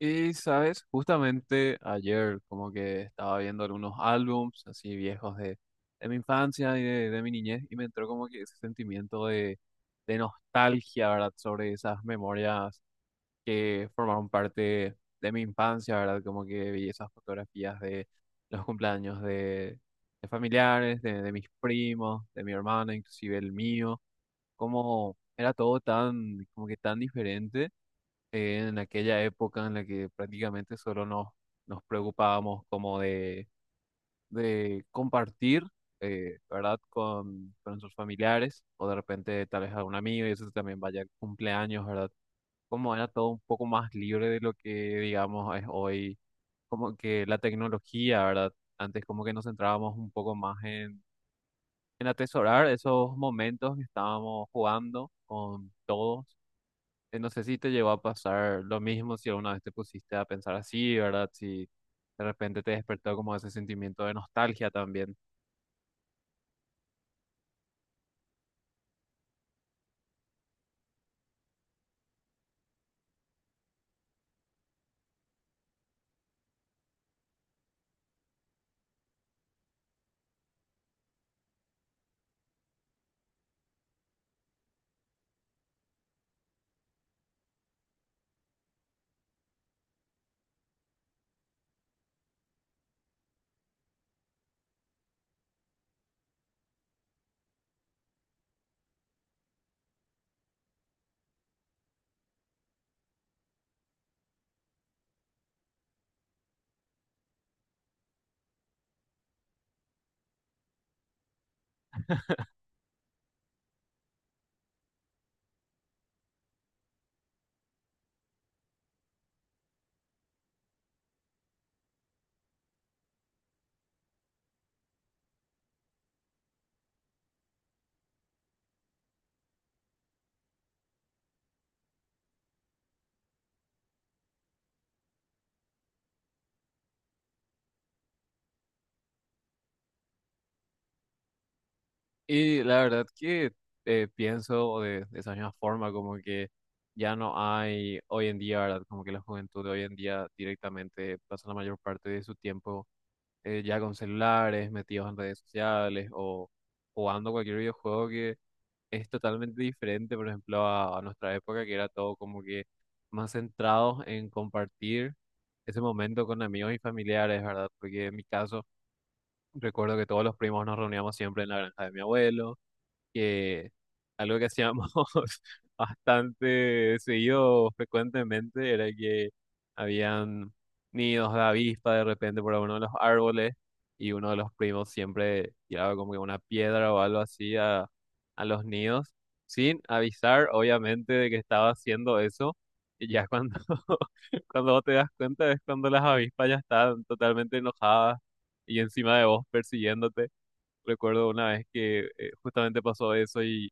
Y sabes, justamente ayer como que estaba viendo algunos álbums así viejos de mi infancia y de mi niñez y me entró como que ese sentimiento de nostalgia, ¿verdad? Sobre esas memorias que formaron parte de mi infancia, ¿verdad? Como que vi esas fotografías de los cumpleaños de familiares, de mis primos, de mi hermana, inclusive el mío, como era todo tan, como que tan diferente en aquella época en la que prácticamente solo nos preocupábamos como de compartir, ¿verdad? Con nuestros familiares o de repente tal vez a un amigo y eso también vaya al cumpleaños, ¿verdad? Como era todo un poco más libre de lo que digamos es hoy, como que la tecnología, ¿verdad? Antes como que nos centrábamos un poco más en atesorar esos momentos que estábamos jugando con todos no sé si te llegó a pasar lo mismo, si alguna vez te pusiste a pensar así, ¿verdad? Si de repente te despertó como ese sentimiento de nostalgia también. Y la verdad que pienso de esa misma forma, como que ya no hay hoy en día, ¿verdad? Como que la juventud de hoy en día directamente pasa la mayor parte de su tiempo ya con celulares, metidos en redes sociales o jugando cualquier videojuego que es totalmente diferente, por ejemplo, a nuestra época, que era todo como que más centrados en compartir ese momento con amigos y familiares, ¿verdad? Porque en mi caso, recuerdo que todos los primos nos reuníamos siempre en la granja de mi abuelo que algo que hacíamos bastante seguido, frecuentemente, era que habían nidos de avispa de repente por alguno de los árboles y uno de los primos siempre tiraba como que una piedra o algo así a los nidos, sin avisar, obviamente, de que estaba haciendo eso. Y ya cuando, cuando vos te das cuenta es cuando las avispas ya están totalmente enojadas y encima de vos persiguiéndote. Recuerdo una vez que justamente pasó eso y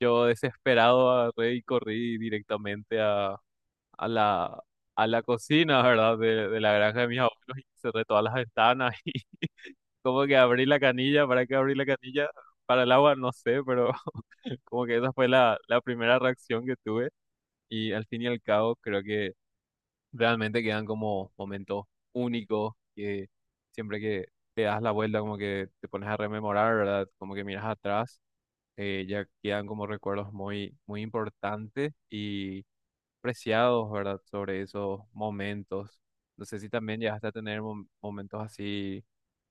yo desesperado agarré y corrí directamente a la, a la cocina, ¿verdad? De la granja de mis abuelos y cerré todas las ventanas y como que abrí la canilla, ¿para qué abrí la canilla? Para el agua, no sé, pero como que esa fue la primera reacción que tuve y al fin y al cabo creo que realmente quedan como momentos únicos que siempre que te das la vuelta como que te pones a rememorar, ¿verdad? Como que miras atrás ya quedan como recuerdos muy importantes y preciados, ¿verdad? Sobre esos momentos. No sé si también llegaste a tener momentos así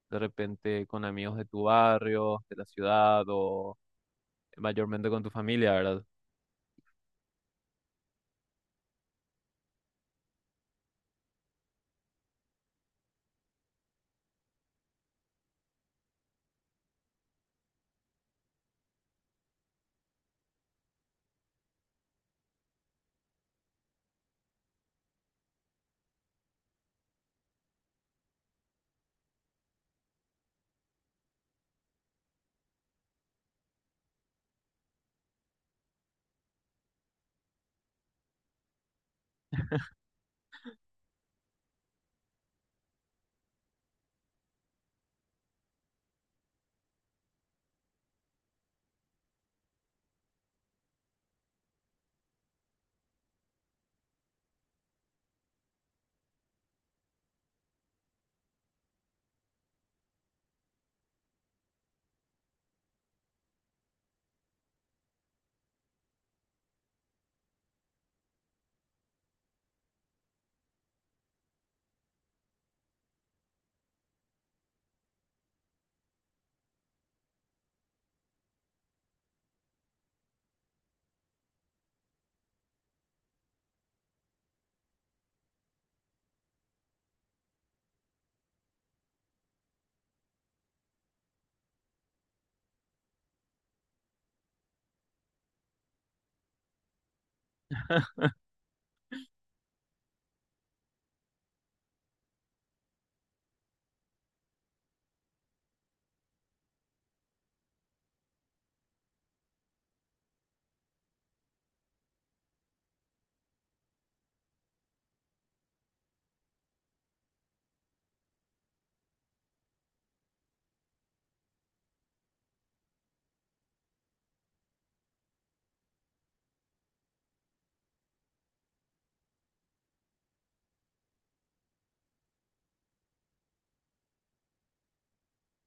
de repente con amigos de tu barrio, de la ciudad o mayormente con tu familia, ¿verdad?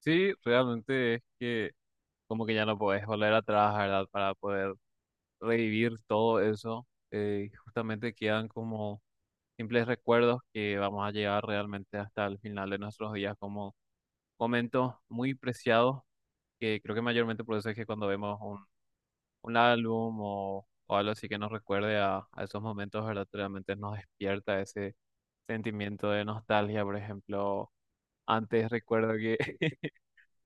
Sí, realmente es que como que ya no podés volver atrás, ¿verdad? Para poder revivir todo eso. Justamente quedan como simples recuerdos que vamos a llevar realmente hasta el final de nuestros días como momentos muy preciados, que creo que mayormente por eso es que cuando vemos un álbum o algo así que nos recuerde a esos momentos, ¿verdad? Realmente nos despierta ese sentimiento de nostalgia, por ejemplo. Antes recuerdo que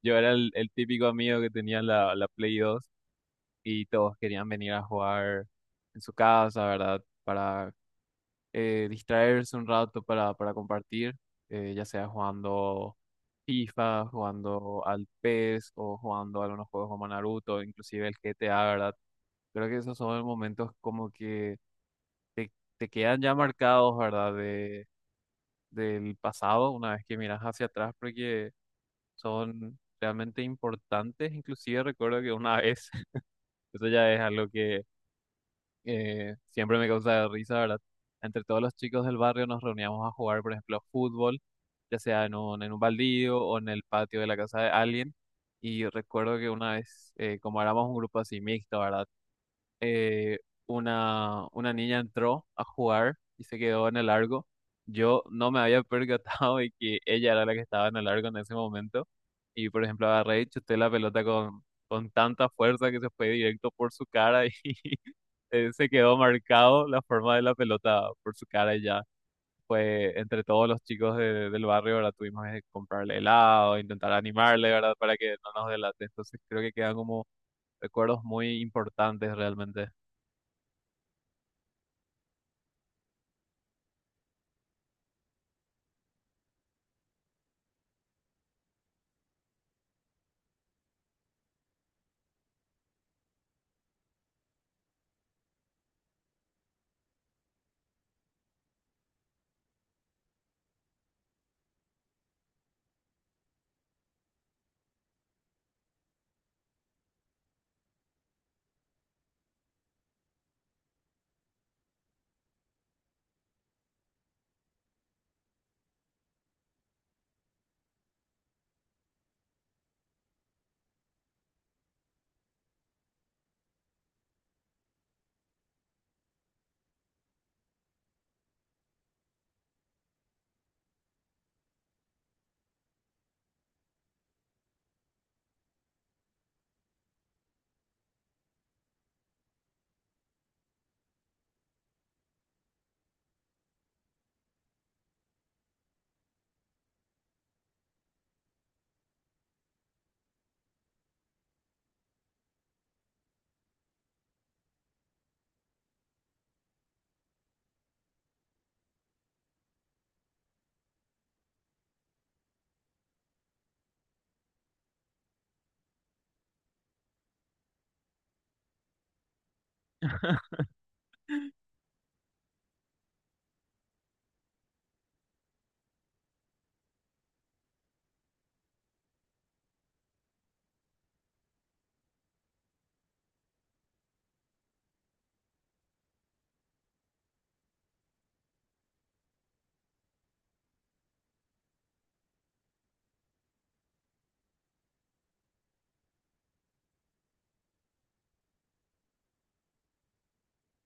yo era el típico amigo que tenía la Play 2 y todos querían venir a jugar en su casa, ¿verdad? Para distraerse un rato para compartir, ya sea jugando FIFA, jugando al PES o jugando algunos juegos como Naruto, inclusive el GTA, ¿verdad? Creo que esos son momentos como que te, te quedan ya marcados, ¿verdad? Del pasado, una vez que miras hacia atrás, porque son realmente importantes. Inclusive recuerdo que una vez, eso ya es algo que siempre me causa risa, ¿verdad? Entre todos los chicos del barrio nos reuníamos a jugar, por ejemplo, fútbol, ya sea en en un baldío o en el patio de la casa de alguien. Y recuerdo que una vez, como éramos un grupo así mixto, ¿verdad? Eh, una niña entró a jugar y se quedó en el largo. Yo no me había percatado de que ella era la que estaba en el largo en ese momento. Y, por ejemplo, agarré y chuté la pelota con tanta fuerza que se fue directo por su cara y se quedó marcado la forma de la pelota por su cara y ya. Fue entre todos los chicos del barrio, ¿verdad? Tuvimos que comprarle helado, intentar animarle, ¿verdad? Para que no nos delate. Entonces creo que quedan como recuerdos muy importantes realmente.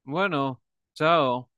Bueno, chao.